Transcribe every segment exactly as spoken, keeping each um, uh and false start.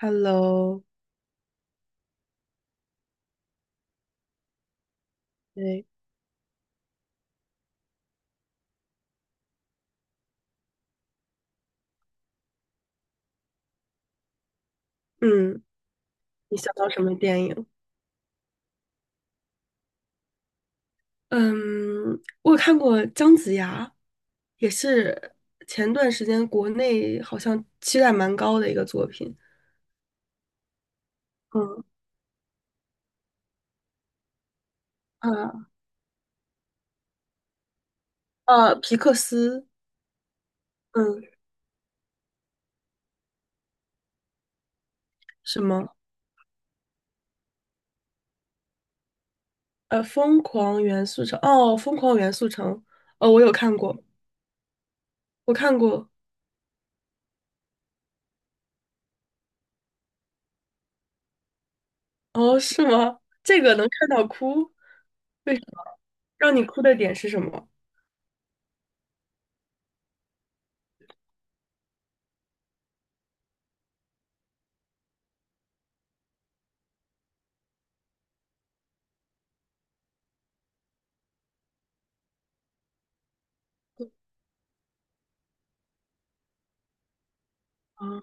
Hello，对，嗯，你想到什么电影？嗯，我有看过姜子牙，也是前段时间国内好像期待蛮高的一个作品。嗯啊呃，皮克斯，嗯，什么？呃，疯狂元素城，哦，疯狂元素城，哦，我有看过，我看过，哦，是吗？这个能看到哭，为让你哭的点是什么？啊，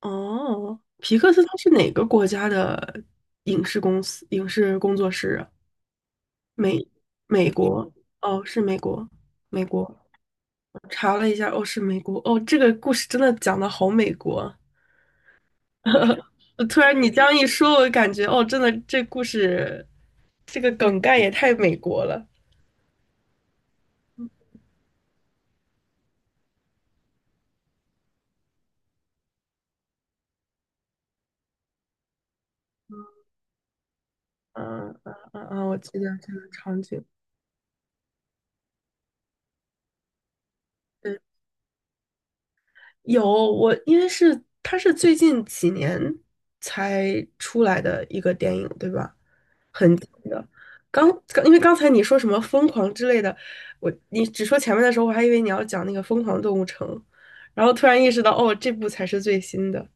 哦，皮克斯它是哪个国家的影视公司、影视工作室啊？美美国？哦，是美国，美国。我查了一下，哦，是美国。哦，这个故事真的讲的好美国啊。呃突然你这样一说，我感觉哦，真的这故事这个梗概也太美国了。嗯嗯嗯嗯，我记得这个场景。对，有我，因为是它是最近几年才出来的一个电影，对吧？很紧的。刚刚因为刚才你说什么疯狂之类的，我你只说前面的时候，我还以为你要讲那个《疯狂动物城》，然后突然意识到，哦，这部才是最新的。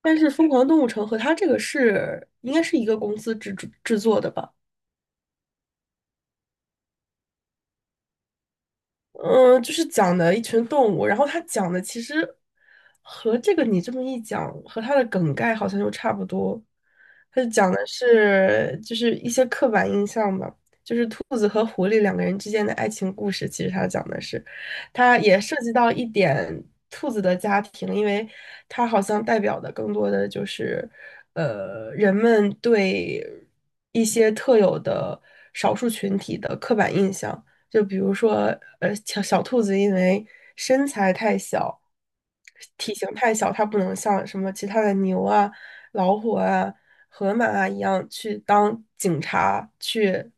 但是《疯狂动物城》和它这个是应该是一个公司制制作的吧？嗯，就是讲的一群动物，然后他讲的其实和这个你这么一讲，和他的梗概好像又差不多。它讲的是就是一些刻板印象吧，就是兔子和狐狸两个人之间的爱情故事。其实他讲的是，他也涉及到一点兔子的家庭，因为他好像代表的更多的就是，呃，人们对一些特有的少数群体的刻板印象。就比如说，呃，小小兔子因为身材太小，体型太小，它不能像什么其他的牛啊、老虎啊、河马啊一样去当警察，去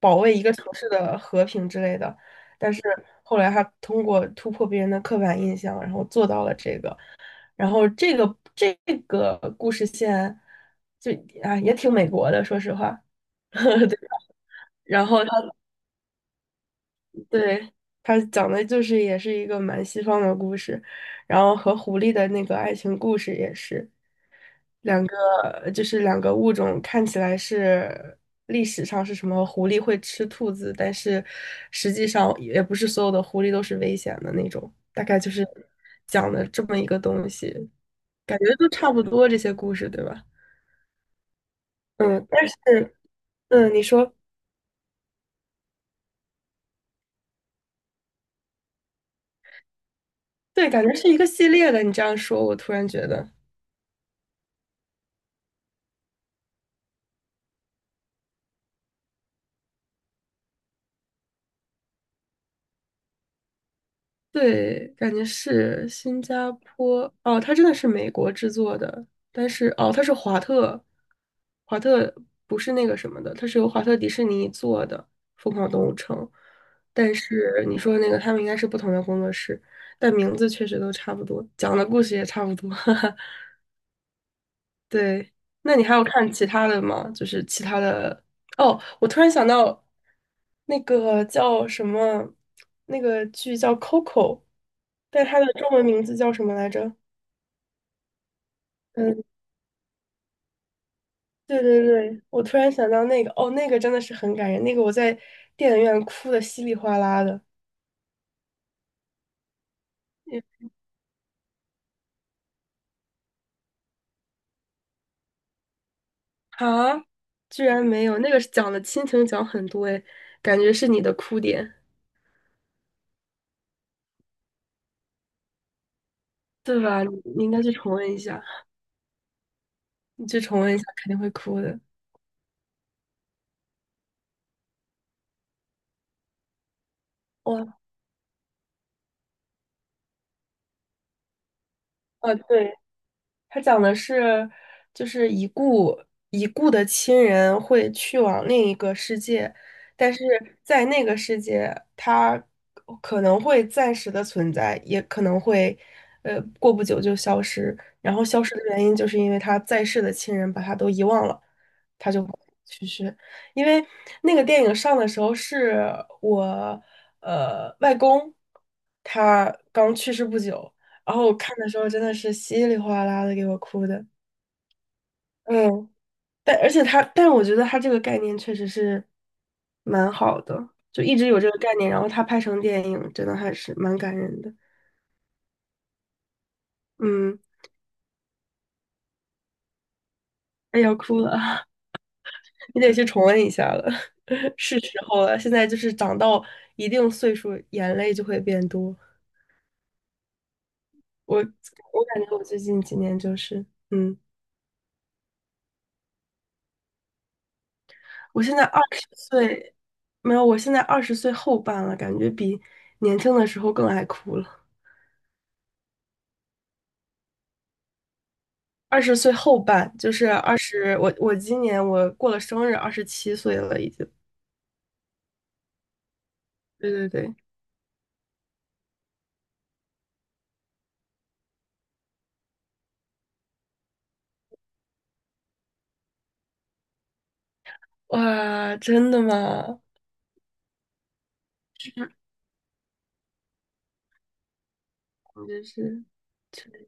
保卫一个城市的和平之类的。但是后来它通过突破别人的刻板印象，然后做到了这个。然后这个这个故事线就啊也挺美国的，说实话。对。然后他对，它讲的就是也是一个蛮西方的故事，然后和狐狸的那个爱情故事也是两个，就是两个物种看起来是历史上是什么狐狸会吃兔子，但是实际上也不是所有的狐狸都是危险的那种，大概就是讲的这么一个东西，感觉都差不多这些故事，对吧？嗯，但是嗯，你说对，感觉是一个系列的，你这样说，我突然觉得。对，感觉是新加坡哦，它真的是美国制作的，但是哦，它是华特，华特不是那个什么的，它是由华特迪士尼做的《疯狂动物城》，但是你说那个他们应该是不同的工作室，但名字确实都差不多，讲的故事也差不多。对，那你还有看其他的吗？就是其他的，哦，我突然想到，那个叫什么，那个剧叫《Coco》，但是它的中文名字叫什么来着？嗯，对对对，我突然想到那个，哦，那个真的是很感人，那个我在电影院哭的稀里哗啦的。嗯啊，居然没有，那个是讲的亲情讲很多诶，感觉是你的哭点，对吧？你你应该去重温一下，你去重温一下，肯定会哭的。哇啊，对，它讲的是，就是已故已故的亲人会去往另一个世界，但是在那个世界，他可能会暂时的存在，也可能会，呃，过不久就消失。然后消失的原因就是因为他在世的亲人把他都遗忘了，他就去世。因为那个电影上的时候是我，呃，外公他刚去世不久，然后我看的时候真的是稀里哗啦的给我哭的，嗯，但而且他，但我觉得他这个概念确实是蛮好的，就一直有这个概念，然后他拍成电影，真的还是蛮感人的，嗯，哎呀，要哭了啊，你得去重温一下了，是时候了，现在就是长到一定岁数，眼泪就会变多，我我感觉我最近几年就是，嗯，我现在二十岁。没有，我现在二十岁后半了，感觉比年轻的时候更爱哭了。二十岁后半，就是二十，我我今年我过了生日，二十七岁了已经。对对对，哇，真的吗？就是我就是确实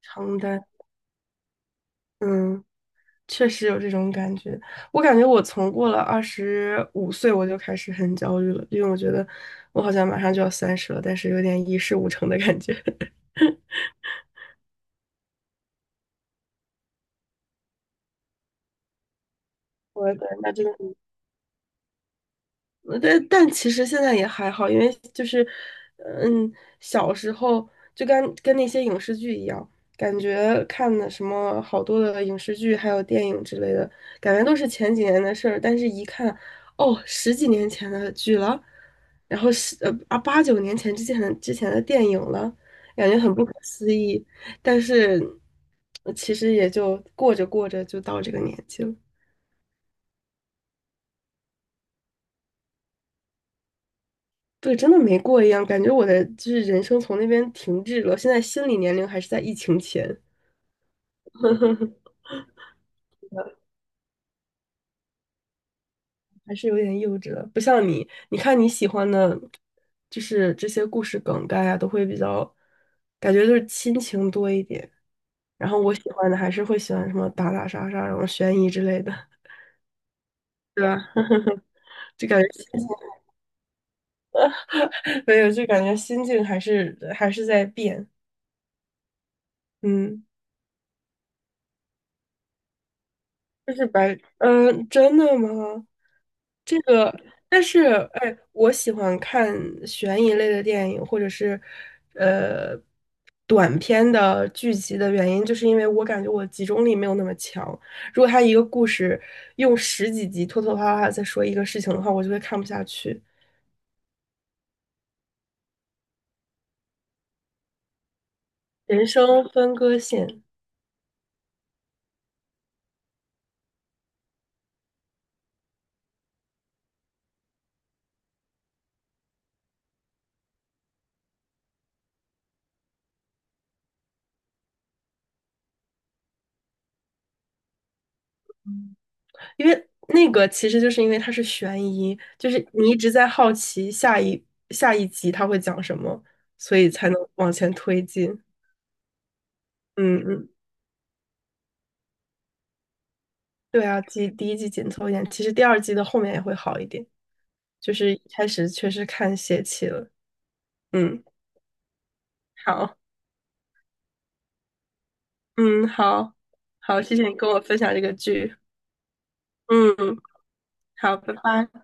承担，嗯，确实有这种感觉。我感觉我从过了二十五岁我就开始很焦虑了，因为我觉得我好像马上就要三十了，但是有点一事无成的感觉。我的天，那真的呃但但其实现在也还好，因为就是，嗯，小时候就跟跟那些影视剧一样，感觉看的什么好多的影视剧，还有电影之类的，感觉都是前几年的事儿，但是一看，哦，十几年前的剧了，然后是呃啊八九年前之前的之前的电影了，感觉很不可思议，但是呃其实也就过着过着就到这个年纪了。对，真的没过一样，感觉我的就是人生从那边停滞了。现在心理年龄还是在疫情前，还是有点幼稚了。不像你，你看你喜欢的，就是这些故事梗概啊，都会比较，感觉就是亲情多一点。然后我喜欢的还是会喜欢什么打打杀杀，然后悬疑之类的，对吧？就感觉心情没有，就感觉心境还是还是在变。嗯。就是白，嗯，真的吗？这个，但是，哎，我喜欢看悬疑类的电影，或者是，呃，短片的剧集的原因，就是因为我感觉我集中力没有那么强。如果他一个故事用十几集拖拖拉拉地在说一个事情的话，我就会看不下去。人生分割线。因为那个其实就是因为它是悬疑，就是你一直在好奇下一下一集它会讲什么，所以才能往前推进。嗯嗯，对啊，第第一季紧凑一点，其实第二季的后面也会好一点，就是一开始确实看泄气了。嗯，好，嗯，好，好，谢谢你跟我分享这个剧。嗯，好，拜拜。